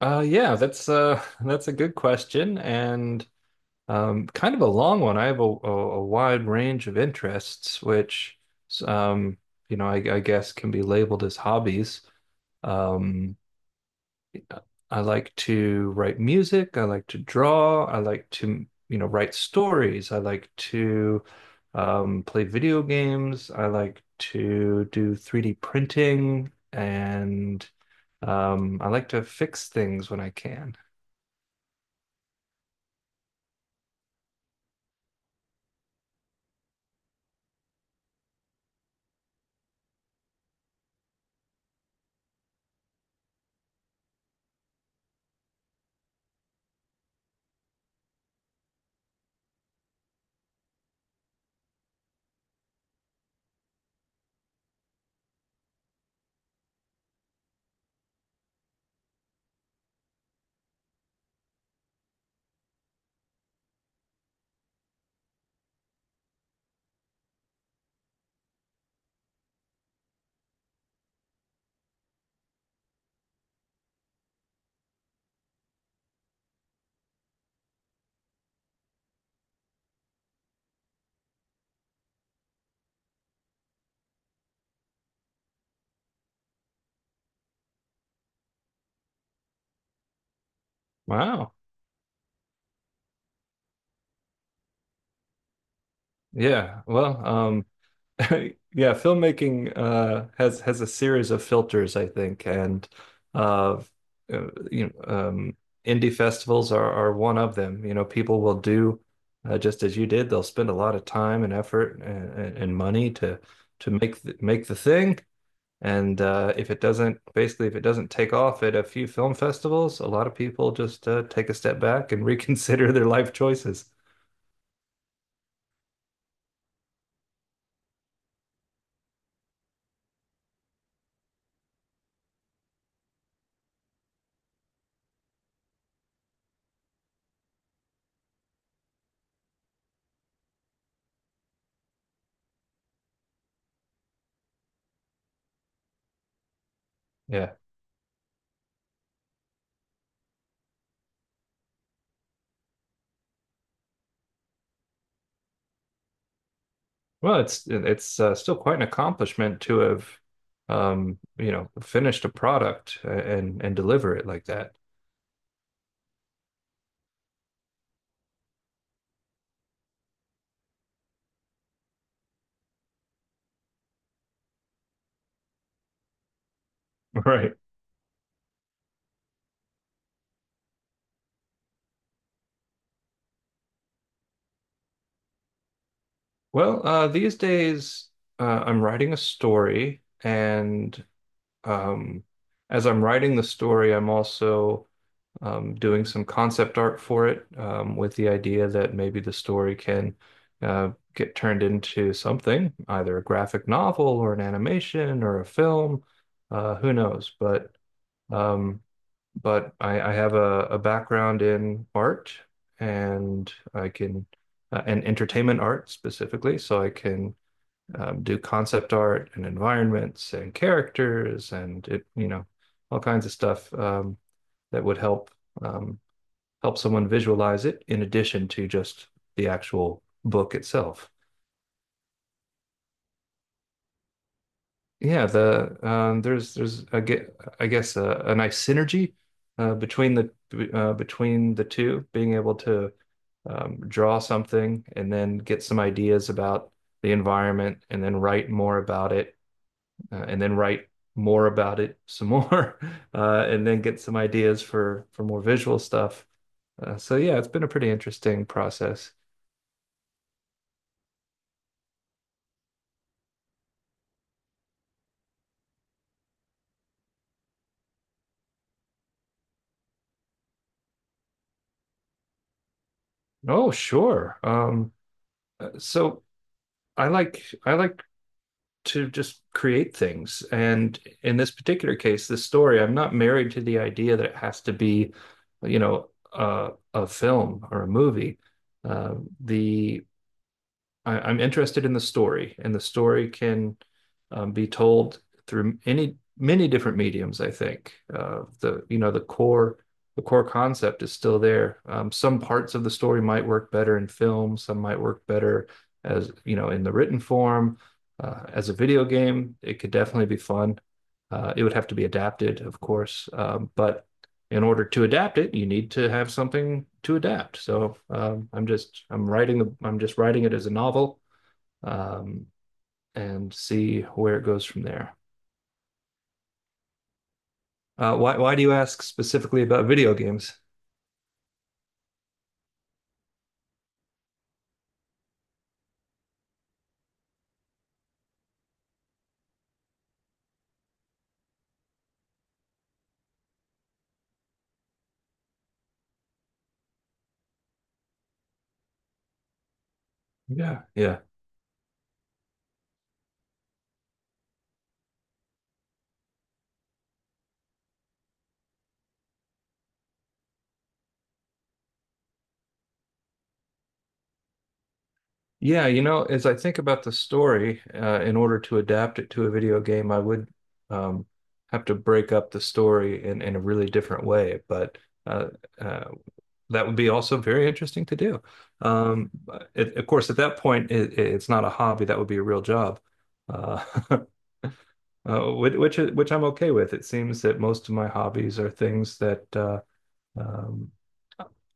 Yeah, that's that's a good question and kind of a long one. I have a wide range of interests, which um, I guess can be labeled as hobbies. Um, I like to write music. I like to draw. I like to, you know, write stories. I like to play video games. I like to do 3D printing, and I like to fix things when I can. Wow. Yeah. Well, yeah, filmmaking has a series of filters, I think, and uh, uh you know, um indie festivals are one of them. You know, people will do just as you did. They'll spend a lot of time and effort and money to make the thing. And if it doesn't take off at a few film festivals, a lot of people just take a step back and reconsider their life choices. Yeah. Well, it's still quite an accomplishment to have, you know, finished a product and deliver it like that. Right. Well, these days I'm writing a story, and um, as I'm writing the story, I'm also doing some concept art for it, with the idea that maybe the story can get turned into something, either a graphic novel or an animation or a film. Who knows? But Um, I have a background in art and and entertainment art specifically. So I can do concept art and environments and characters and it, you know, all kinds of stuff that would help um, help someone visualize it in addition to just the actual book itself. Yeah, the there's I get I guess a nice synergy between the between the two, being able to draw something and then get some ideas about the environment, and then write more about it, and then write more about it some more, and then get some ideas for more visual stuff. So yeah, it's been a pretty interesting process. Oh, sure. So I like to just create things. And in this particular case, this story, I'm not married to the idea that it has to be, you know, a film or a movie. Uh, the I'm interested in the story, and the story can be told through any many different mediums. I think the you know the core concept is still there. Some parts of the story might work better in film. Some might work better as you know in the written form. As a video game, it could definitely be fun. It would have to be adapted, of course, but in order to adapt it, you need to have something to adapt. So I'm just writing it as a novel um, and see where it goes from there. Why do you ask specifically about video games? Yeah, yeah. Yeah, you know, as I think about the story, in order to adapt it to a video game, I would um, have to break up the story in a really different way. But uh, uh, that would be also very interesting to do. But it, of course, at that point, it's not a hobby. That would be a real job, uh, which I'm okay with. It seems that most of my hobbies are things that um,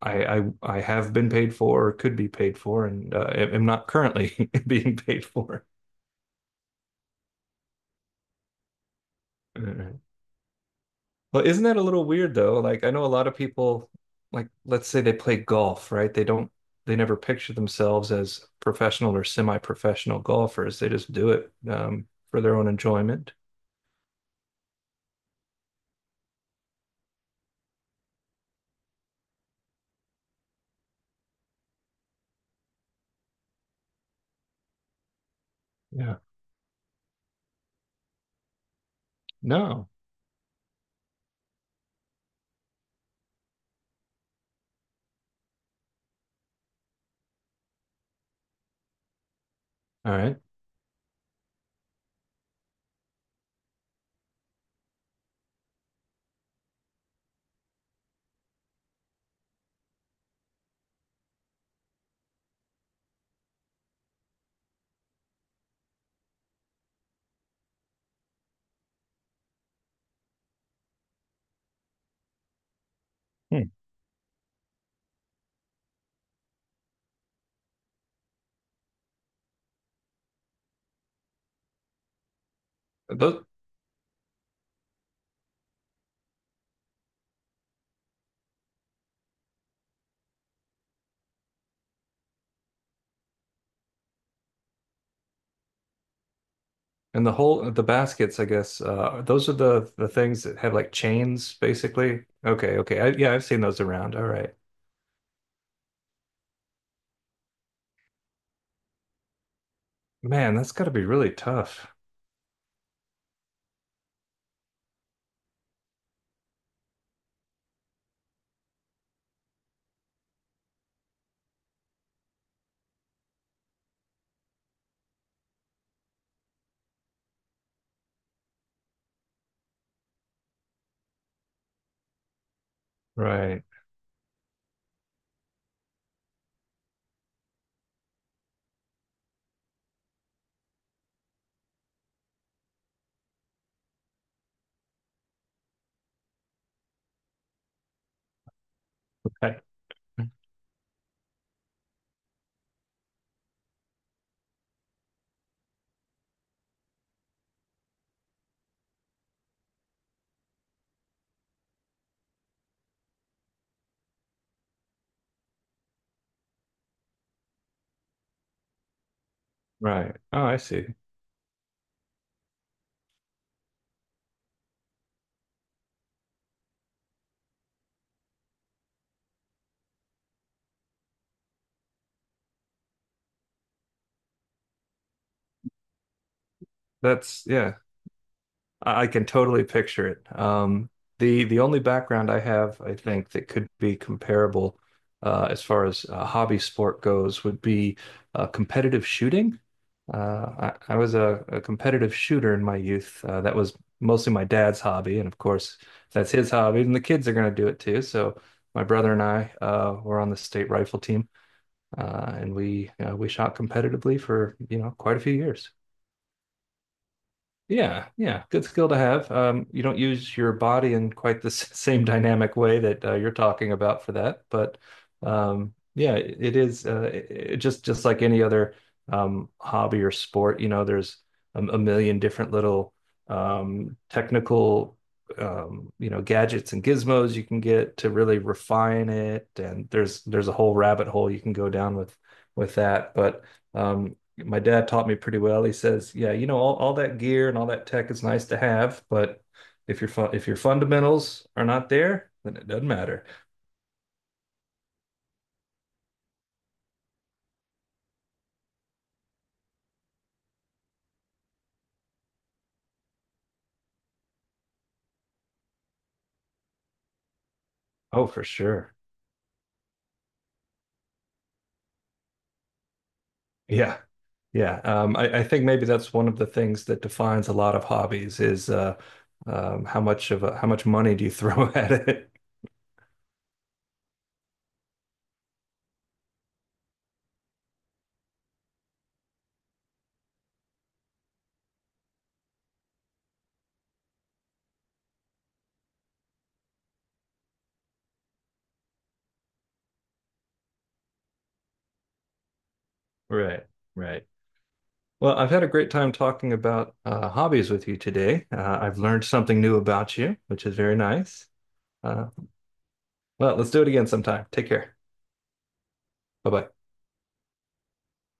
I have been paid for or could be paid for, and am not currently being paid for. All right. Well, isn't that a little weird though? Like I know a lot of people, like let's say they play golf, right? They never picture themselves as professional or semi-professional golfers. They just do it for their own enjoyment. Yeah. No. All right. Hmm. Those and the baskets, I guess. Those are the things that have like chains, basically. Okay. Okay. I, yeah, I've seen those around. All right. Man, that's got to be really tough. Right. Okay. Right. Oh, I see. That's yeah. I can totally picture it. The only background I have, I think, that could be comparable as far as hobby sport goes would be competitive shooting. I was a competitive shooter in my youth. That was mostly my dad's hobby, and of course, that's his hobby, and the kids are going to do it too. So my brother and I were on the state rifle team, and we shot competitively for you know quite a few years. Yeah, yeah, good skill to have. You don't use your body in quite the same dynamic way that you're talking about for that, but yeah, it just like any other hobby or sport. You know, there's a million different little technical you know gadgets and gizmos you can get to really refine it, and there's a whole rabbit hole you can go down with that, but. Um, my dad taught me pretty well. He says, "Yeah, you know, all that gear and all that tech is nice to have, but if your fundamentals are not there, then it doesn't matter." Oh, for sure. Yeah, yeah. I think maybe that's one of the things that defines a lot of hobbies is how how much money do you throw at it? Right, right. Well, I've had a great time talking about hobbies with you today. I've learned something new about you, which is very nice. Uh, well, let's do it again sometime. Take care. Bye bye.